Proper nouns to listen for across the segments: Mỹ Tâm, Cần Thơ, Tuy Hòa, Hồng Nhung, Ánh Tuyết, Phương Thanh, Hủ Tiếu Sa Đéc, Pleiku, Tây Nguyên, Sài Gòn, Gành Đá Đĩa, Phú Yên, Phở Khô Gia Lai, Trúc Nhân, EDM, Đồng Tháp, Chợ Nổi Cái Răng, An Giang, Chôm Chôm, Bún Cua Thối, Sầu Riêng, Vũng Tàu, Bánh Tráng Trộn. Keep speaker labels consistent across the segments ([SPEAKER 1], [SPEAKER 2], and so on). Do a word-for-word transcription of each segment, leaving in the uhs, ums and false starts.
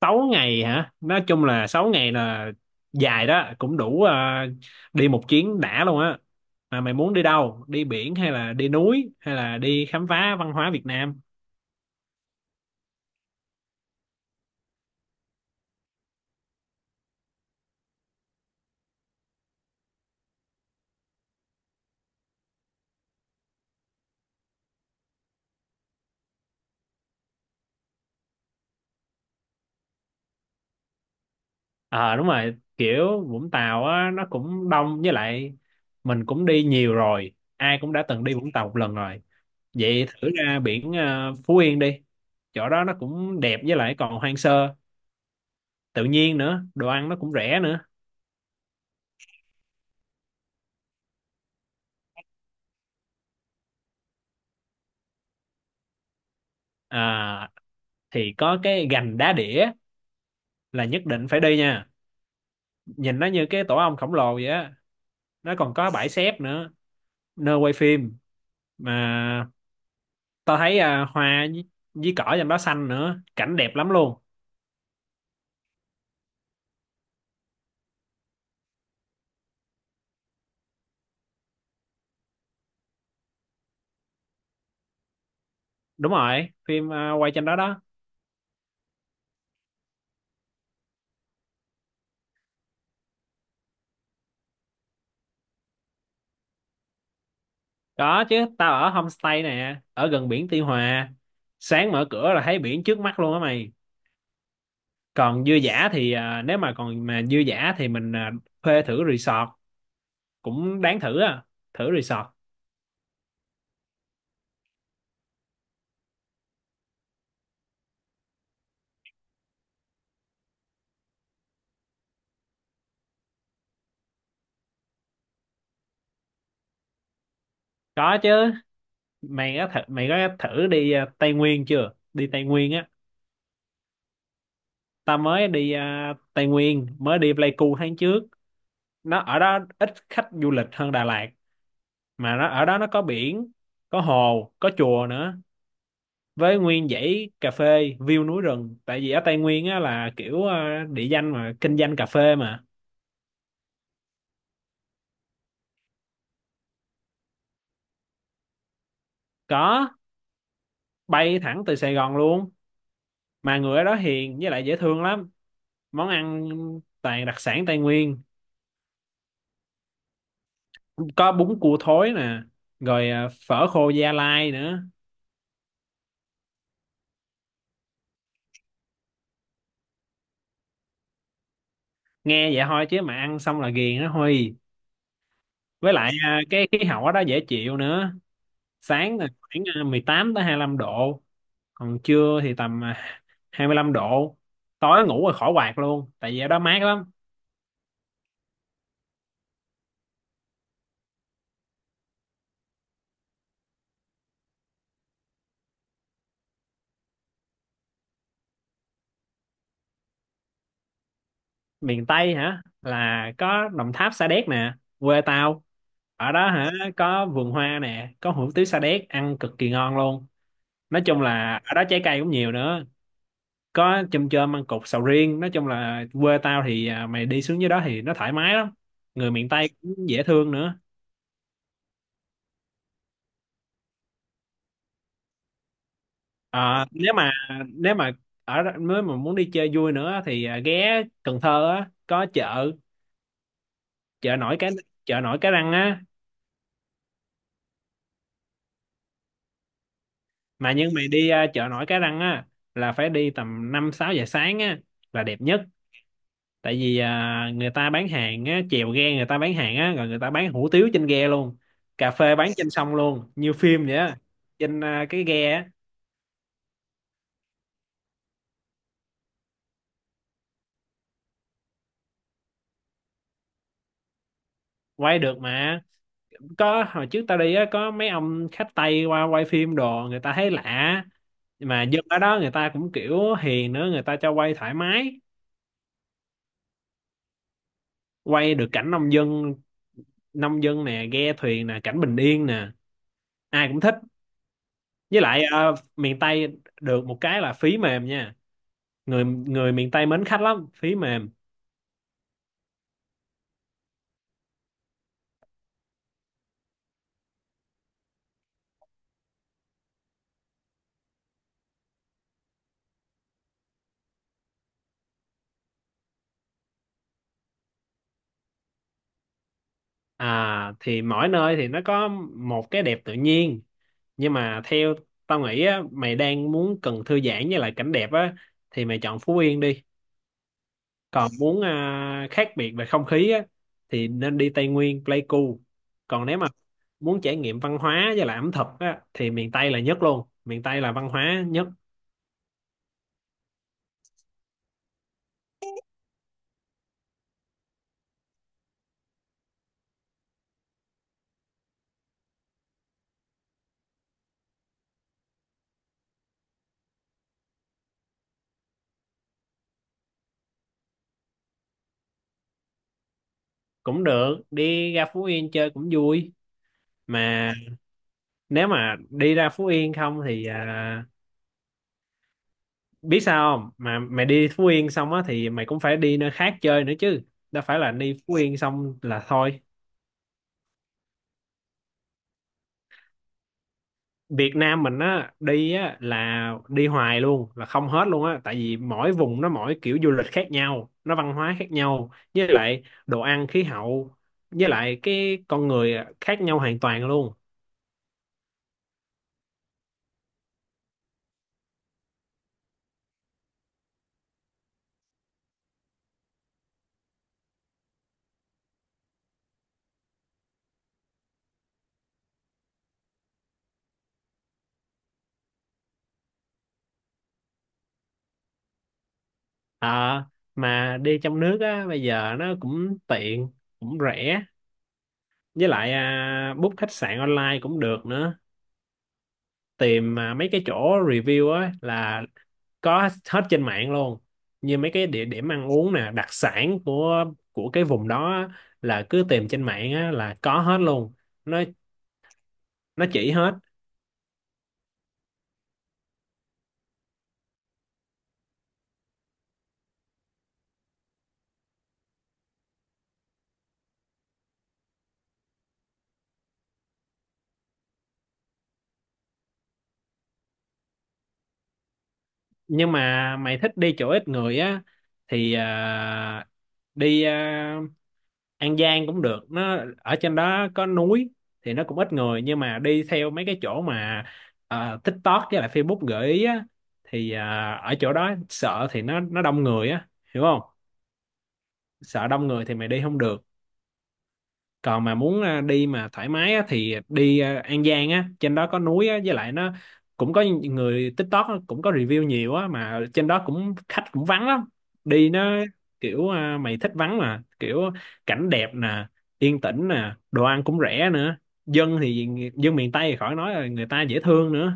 [SPEAKER 1] Sáu ngày hả? Nói chung là sáu ngày là dài đó, cũng đủ ờ, đi một chuyến đã luôn á. Mà mày muốn đi đâu? Đi biển hay là đi núi hay là đi khám phá văn hóa Việt Nam? Ờ đúng rồi, kiểu Vũng Tàu á nó cũng đông với lại mình cũng đi nhiều rồi, ai cũng đã từng đi Vũng Tàu một lần rồi. Vậy thử ra biển ờ, Phú Yên đi. Chỗ đó nó cũng đẹp với lại còn hoang sơ, tự nhiên nữa, đồ ăn nó cũng rẻ nữa. À, thì có cái gành đá đĩa là nhất định phải đi nha. Nhìn nó như cái tổ ong khổng lồ vậy á. Nó còn có bãi xép nữa, nơi quay phim mà tao thấy à, hoa với, với cỏ trên đó xanh nữa, cảnh đẹp lắm luôn. Đúng rồi, phim à, quay trên đó đó. Có chứ, tao ở homestay nè, ở gần biển Tuy Hòa. Sáng mở cửa là thấy biển trước mắt luôn á mày. Còn dư dả thì à, nếu mà còn mà dư dả thì mình à, thuê thử resort cũng đáng thử à thử resort. Có chứ, mày có thử mày có thử đi à, Tây Nguyên chưa, đi Tây Nguyên á. Ta mới đi à, Tây Nguyên, mới đi Pleiku tháng trước. Nó ở đó ít khách du lịch hơn Đà Lạt, mà nó ở đó nó có biển, có hồ, có chùa nữa, với nguyên dãy cà phê view núi rừng. Tại vì ở Tây Nguyên á là kiểu à, địa danh mà kinh doanh cà phê mà. Có. Bay thẳng từ Sài Gòn luôn. Mà người ở đó hiền với lại dễ thương lắm, món ăn toàn đặc sản Tây Nguyên, có bún cua thối nè, rồi à, phở khô Gia Lai nữa. Nghe vậy thôi chứ mà ăn xong là ghiền đó thôi. Với lại à, cái khí hậu ở đó dễ chịu nữa. Sáng là khoảng à, mười tám tới hai lăm độ, còn trưa thì tầm à, hai mươi lăm độ. Tối ngủ rồi khỏi quạt luôn tại vì ở đó mát lắm. Miền Tây hả? Là có Đồng Tháp, Sa Đéc nè, quê tao. Ở đó hả, có vườn hoa nè, có hủ tiếu Sa Đéc ăn cực kỳ ngon luôn. Nói chung là ở đó trái cây cũng nhiều nữa, có chôm chôm, ăn cục sầu riêng. Nói chung là quê tao thì à, mày đi xuống dưới đó thì nó thoải mái lắm. Người miền Tây cũng dễ thương nữa. À, nếu mà nếu mà ở đó- nếu mà muốn đi chơi vui nữa thì à, ghé Cần Thơ á, có chợ chợ nổi cái chợ nổi Cái Răng á. Mà nhưng mày đi à, chợ nổi Cái Răng á là phải đi tầm năm sáu giờ sáng á là đẹp nhất. Tại vì à, người ta bán hàng á, chèo ghe người ta bán hàng á, rồi người ta bán hủ tiếu trên ghe luôn, cà phê bán trên sông luôn như phim vậy á, trên à, cái ghe á. Quay được mà. Có hồi trước tao đi á, có mấy ông khách Tây qua quay phim đồ, người ta thấy lạ. Mà dân ở đó người ta cũng kiểu hiền nữa, người ta cho quay thoải mái. Quay được cảnh nông dân, nông dân nè, ghe thuyền nè, cảnh bình yên nè, ai cũng thích. Với lại ờ, miền Tây được một cái là phí mềm nha, người người miền Tây mến khách lắm, phí mềm. À thì mỗi nơi thì nó có một cái đẹp tự nhiên. Nhưng mà theo tao nghĩ á, mày đang muốn cần thư giãn với lại cảnh đẹp á thì mày chọn Phú Yên đi. Còn muốn à, khác biệt về không khí á thì nên đi Tây Nguyên, Pleiku. Còn nếu mà muốn trải nghiệm văn hóa với lại ẩm thực á thì miền Tây là nhất luôn, miền Tây là văn hóa nhất. Cũng được, đi ra Phú Yên chơi cũng vui. Mà nếu mà đi ra Phú Yên không thì à, biết sao không, mà mày đi Phú Yên xong á thì mày cũng phải đi nơi khác chơi nữa chứ, đâu phải là đi Phú Yên xong là thôi. Việt Nam mình á đi á là đi hoài luôn, là không hết luôn á, tại vì mỗi vùng nó mỗi kiểu du lịch khác nhau, nó văn hóa khác nhau, với lại đồ ăn, khí hậu, với lại cái con người khác nhau hoàn toàn luôn. À, mà đi trong nước á bây giờ nó cũng tiện, cũng rẻ, với lại à, book khách sạn online cũng được nữa, tìm à, mấy cái chỗ review á là có hết trên mạng luôn. Như mấy cái địa điểm ăn uống nè, đặc sản của của cái vùng đó á, là cứ tìm trên mạng á là có hết luôn. Nó nó chỉ hết. Nhưng mà mày thích đi chỗ ít người á thì à, đi à, An Giang cũng được, nó ở trên đó có núi thì nó cũng ít người. Nhưng mà đi theo mấy cái chỗ mà ờ, TikTok với lại Facebook gợi ý á, thì ờ, ở chỗ đó sợ thì nó nó đông người á, hiểu không? Sợ đông người thì mày đi không được. Còn mà muốn à, đi mà thoải mái á, thì đi à, An Giang á, trên đó có núi á, với lại nó cũng có người TikTok á, cũng có review nhiều á mà trên đó cũng khách cũng vắng lắm. Đi nó kiểu à, mày thích vắng mà, kiểu cảnh đẹp nè, yên tĩnh nè, đồ ăn cũng rẻ nữa. dân thì dân miền Tây thì khỏi nói rồi, người ta dễ thương nữa.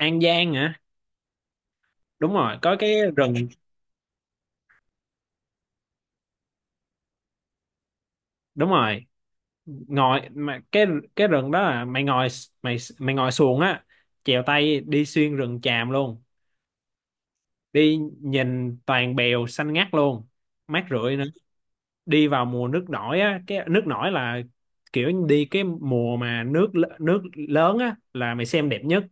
[SPEAKER 1] An Giang hả? Đúng rồi, có cái rừng. Đúng rồi, ngồi mà cái cái rừng đó là mày ngồi mày mày ngồi xuồng á, chèo tay đi xuyên rừng tràm luôn. Đi nhìn toàn bèo xanh ngắt luôn, mát rượi nữa. Đi vào mùa nước nổi á, cái nước nổi là kiểu đi cái mùa mà nước l- nước lớn á là mày xem đẹp nhất.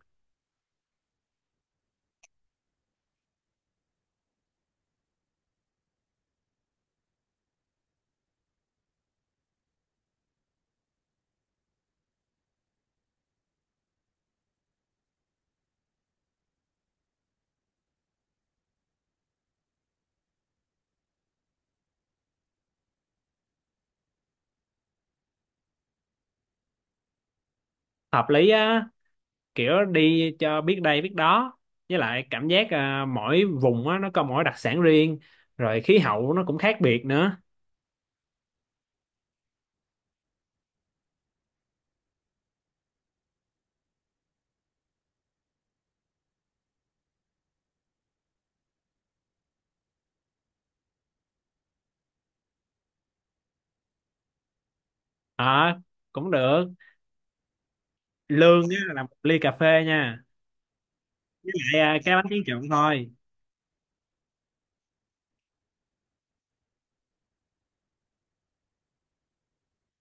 [SPEAKER 1] Hợp lý á, kiểu đi cho biết đây biết đó. Với lại cảm giác à, mỗi vùng á nó có mỗi đặc sản riêng, rồi khí hậu nó cũng khác biệt nữa. À, cũng được. Lương á, là một ly cà phê nha, với lại à, cái bánh tráng trộn thôi.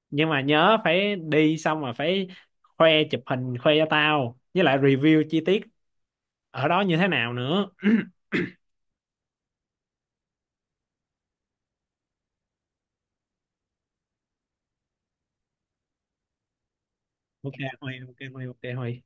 [SPEAKER 1] Nhưng mà nhớ phải đi xong rồi phải khoe, chụp hình khoe cho tao, với lại review chi tiết ở đó như thế nào nữa. Ok Huy, ok Huy, ok Huy.